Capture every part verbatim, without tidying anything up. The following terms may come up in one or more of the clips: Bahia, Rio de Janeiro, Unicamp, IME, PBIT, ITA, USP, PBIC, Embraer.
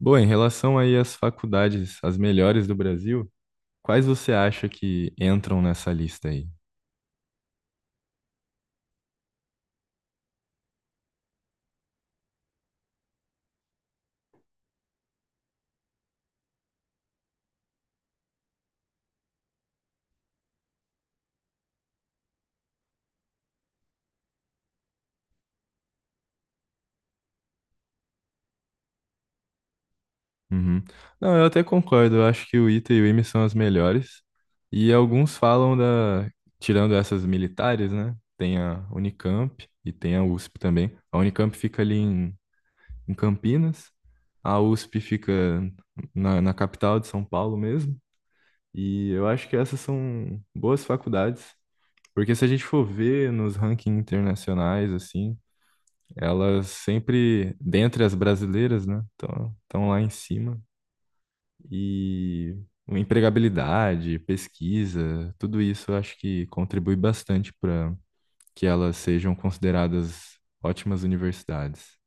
Bom, em relação aí às faculdades, as melhores do Brasil, quais você acha que entram nessa lista aí? Uhum. Não, eu até concordo. Eu acho que o ITA e o IME são as melhores. E alguns falam da, tirando essas militares, né? Tem a Unicamp e tem a USP também. A Unicamp fica ali em em Campinas. A USP fica na, na capital de São Paulo mesmo. E eu acho que essas são boas faculdades, porque se a gente for ver nos rankings internacionais, assim, elas sempre, dentre as brasileiras, né, estão lá em cima. E empregabilidade, pesquisa, tudo isso eu acho que contribui bastante para que elas sejam consideradas ótimas universidades.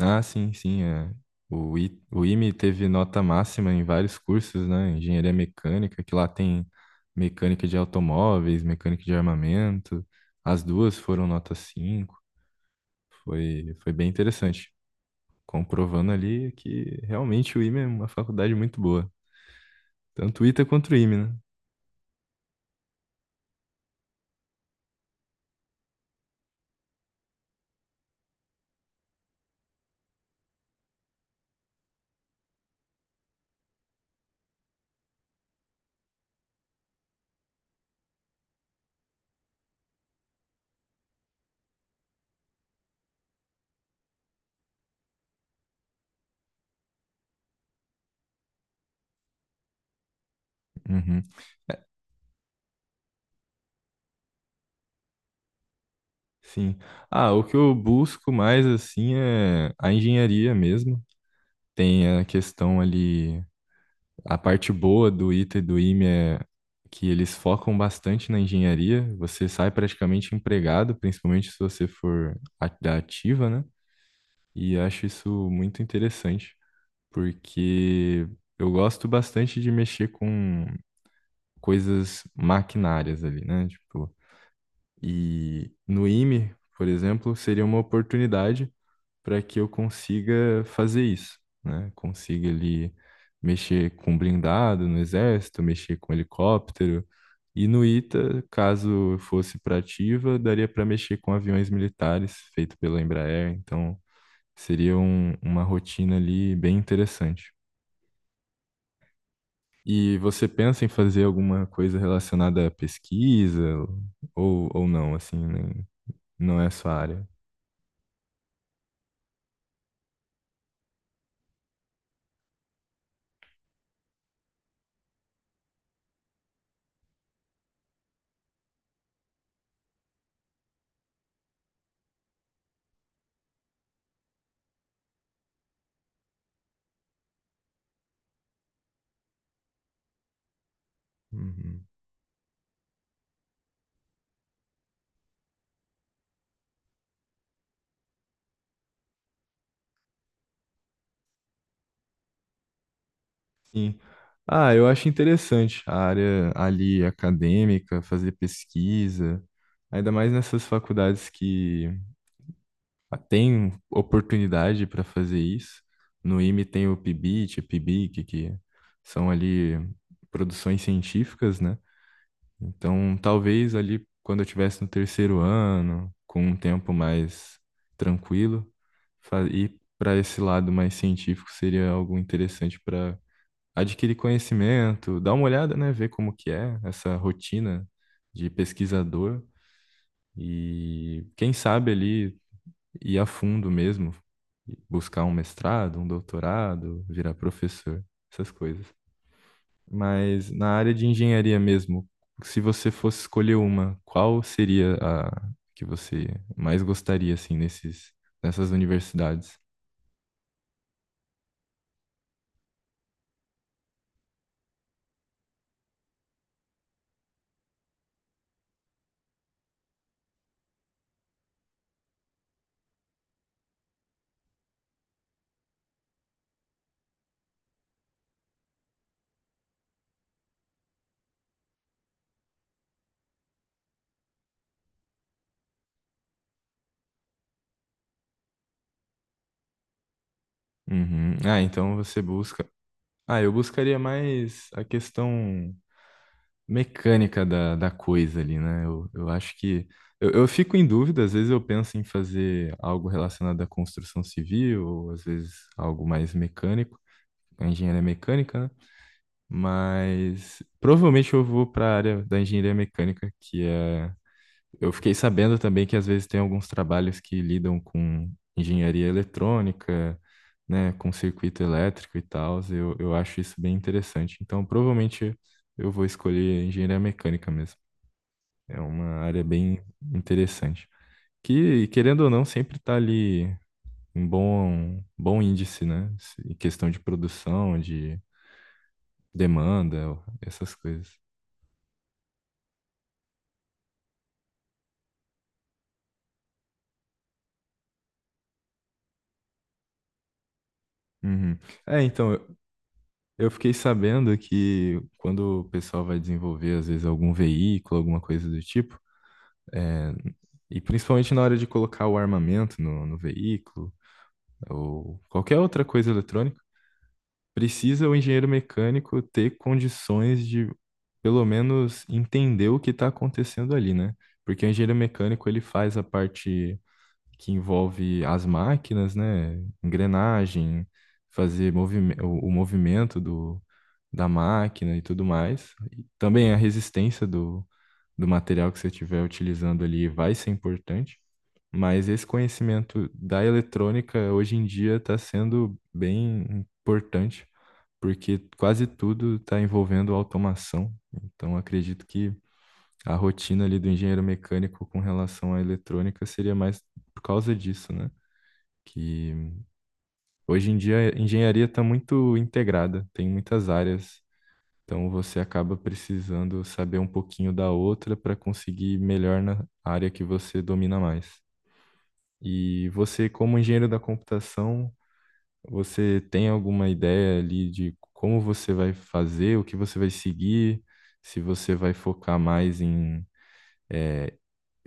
Ah, sim, sim. É. O, I, o IME teve nota máxima em vários cursos, né? Engenharia mecânica, que lá tem mecânica de automóveis, mecânica de armamento. As duas foram nota cinco. Foi, foi bem interessante, comprovando ali que realmente o IME é uma faculdade muito boa. Tanto o ITA quanto o IME, né? Uhum, sim. Ah, o que eu busco mais, assim, é a engenharia mesmo. Tem a questão ali. A parte boa do ITA e do IME é que eles focam bastante na engenharia. Você sai praticamente empregado, principalmente se você for a- da ativa, né? E acho isso muito interessante, porque eu gosto bastante de mexer com coisas maquinárias ali, né? Tipo, e no IME, por exemplo, seria uma oportunidade para que eu consiga fazer isso, né? Consiga ali mexer com blindado no exército, mexer com helicóptero. E no ITA, caso fosse para ativa, daria para mexer com aviões militares feito pela Embraer. Então, seria um- uma rotina ali bem interessante. E você pensa em fazer alguma coisa relacionada à pesquisa ou, ou não, assim, nem- não é a sua área? Uhum. Sim. Ah, eu acho interessante a área ali acadêmica, fazer pesquisa, ainda mais nessas faculdades que têm oportunidade para fazer isso. No IME tem o PBIT, PBIC, que são ali produções científicas, né? Então, talvez ali quando eu estivesse no terceiro ano, com um tempo mais tranquilo, fa- ir para esse lado mais científico seria algo interessante adquirir conhecimento, dar uma olhada, né, ver como que é essa rotina de pesquisador e quem sabe ali ir a fundo mesmo, buscar um mestrado, um doutorado, virar professor, essas coisas. Mas na área de engenharia mesmo, se você fosse escolher uma, qual seria a que você mais gostaria assim nesses nessas universidades? Uhum. Ah, então você busca. Ah, eu buscaria mais a questão mecânica da, da coisa ali, né? Eu, eu acho que. Eu, eu fico em dúvida, às vezes eu penso em fazer algo relacionado à construção civil, ou às vezes algo mais mecânico, a engenharia mecânica, né? Mas provavelmente eu vou para a área da engenharia mecânica, que é. Eu fiquei sabendo também que às vezes tem alguns trabalhos que lidam com engenharia eletrônica, né, com circuito elétrico e tal. Eu, eu acho isso bem interessante. Então, provavelmente eu vou escolher engenharia mecânica mesmo. É uma área bem interessante. Que, querendo ou não, sempre está ali um bom, bom índice, né? Se- Em questão de produção, de demanda, essas coisas. Uhum. É, então, eu eu fiquei sabendo que quando o pessoal vai desenvolver, às vezes, algum veículo, alguma coisa do tipo, e principalmente na hora de colocar o armamento no, no veículo, ou qualquer outra coisa eletrônica, precisa o engenheiro mecânico ter condições de, pelo menos, entender o que está acontecendo ali, né? Porque o engenheiro mecânico ele faz a parte que envolve as máquinas, né? Engrenagem, fazer movime- o, o movimento do, da máquina e tudo mais. E também a resistência do, do material que você estiver utilizando ali vai ser importante. Mas esse conhecimento da eletrônica hoje em dia está sendo bem importante, porque quase tudo está envolvendo automação. Então, acredito que a rotina ali do engenheiro mecânico com relação à eletrônica seria mais por causa disso, né? Que hoje em dia a engenharia está muito integrada, tem muitas áreas. Então, você acaba precisando saber um pouquinho da outra para conseguir melhor na área que você domina mais. E você, como engenheiro da computação, você tem alguma ideia ali de como você vai fazer, o que você vai seguir, se você vai focar mais em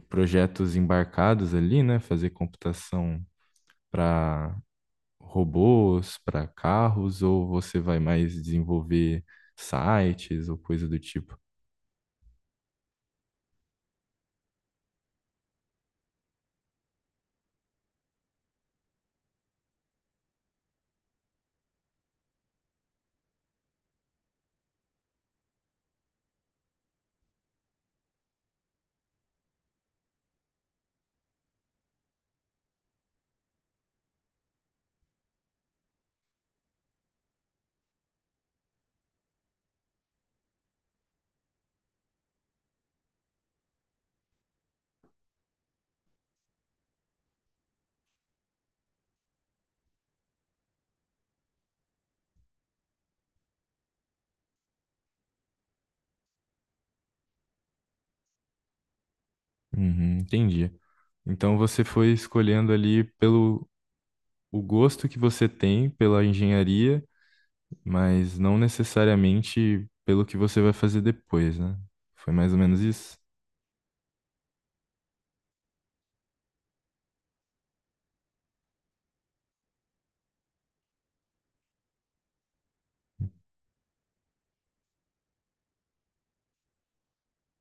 projetos embarcados ali, né? Fazer computação para robôs, para carros, ou você vai mais desenvolver sites ou coisa do tipo? Uhum, entendi. Então você foi escolhendo ali pelo o gosto que você tem pela engenharia mas não necessariamente pelo que você vai fazer depois, né? Foi mais ou menos isso?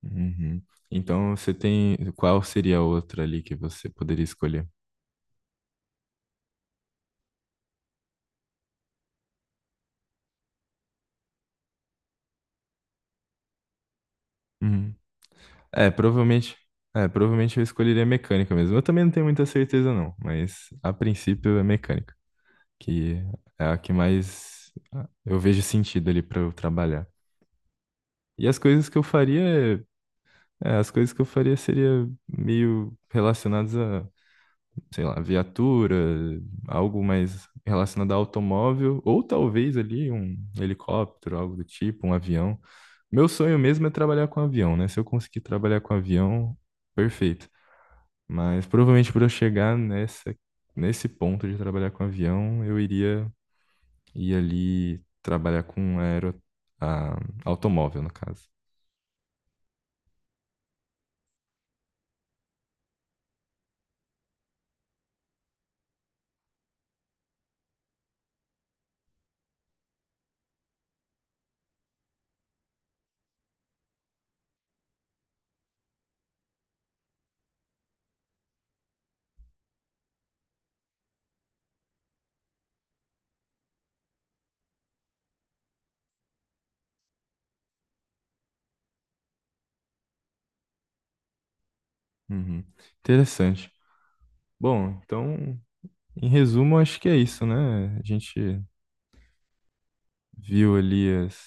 Uhum. Então você tem. Qual seria a outra ali que você poderia escolher? Uhum. É, provavelmente. É, provavelmente eu escolheria mecânica mesmo. Eu também não tenho muita certeza, não, mas a princípio é mecânica, que é a que mais ah, eu vejo sentido ali para eu trabalhar. E as coisas que eu faria, é, as coisas que eu faria seria meio relacionadas a sei lá, viatura, algo mais relacionado a automóvel, ou talvez ali um helicóptero, algo do tipo, um avião. Meu sonho mesmo é trabalhar com avião, né? Se eu conseguir trabalhar com avião, perfeito. Mas provavelmente para eu chegar nessa, nesse ponto de trabalhar com avião, eu iria ir ali trabalhar com aero, a- automóvel, no caso. Uhum. Interessante. Bom, então, em resumo, acho que é isso, né? A gente viu ali as,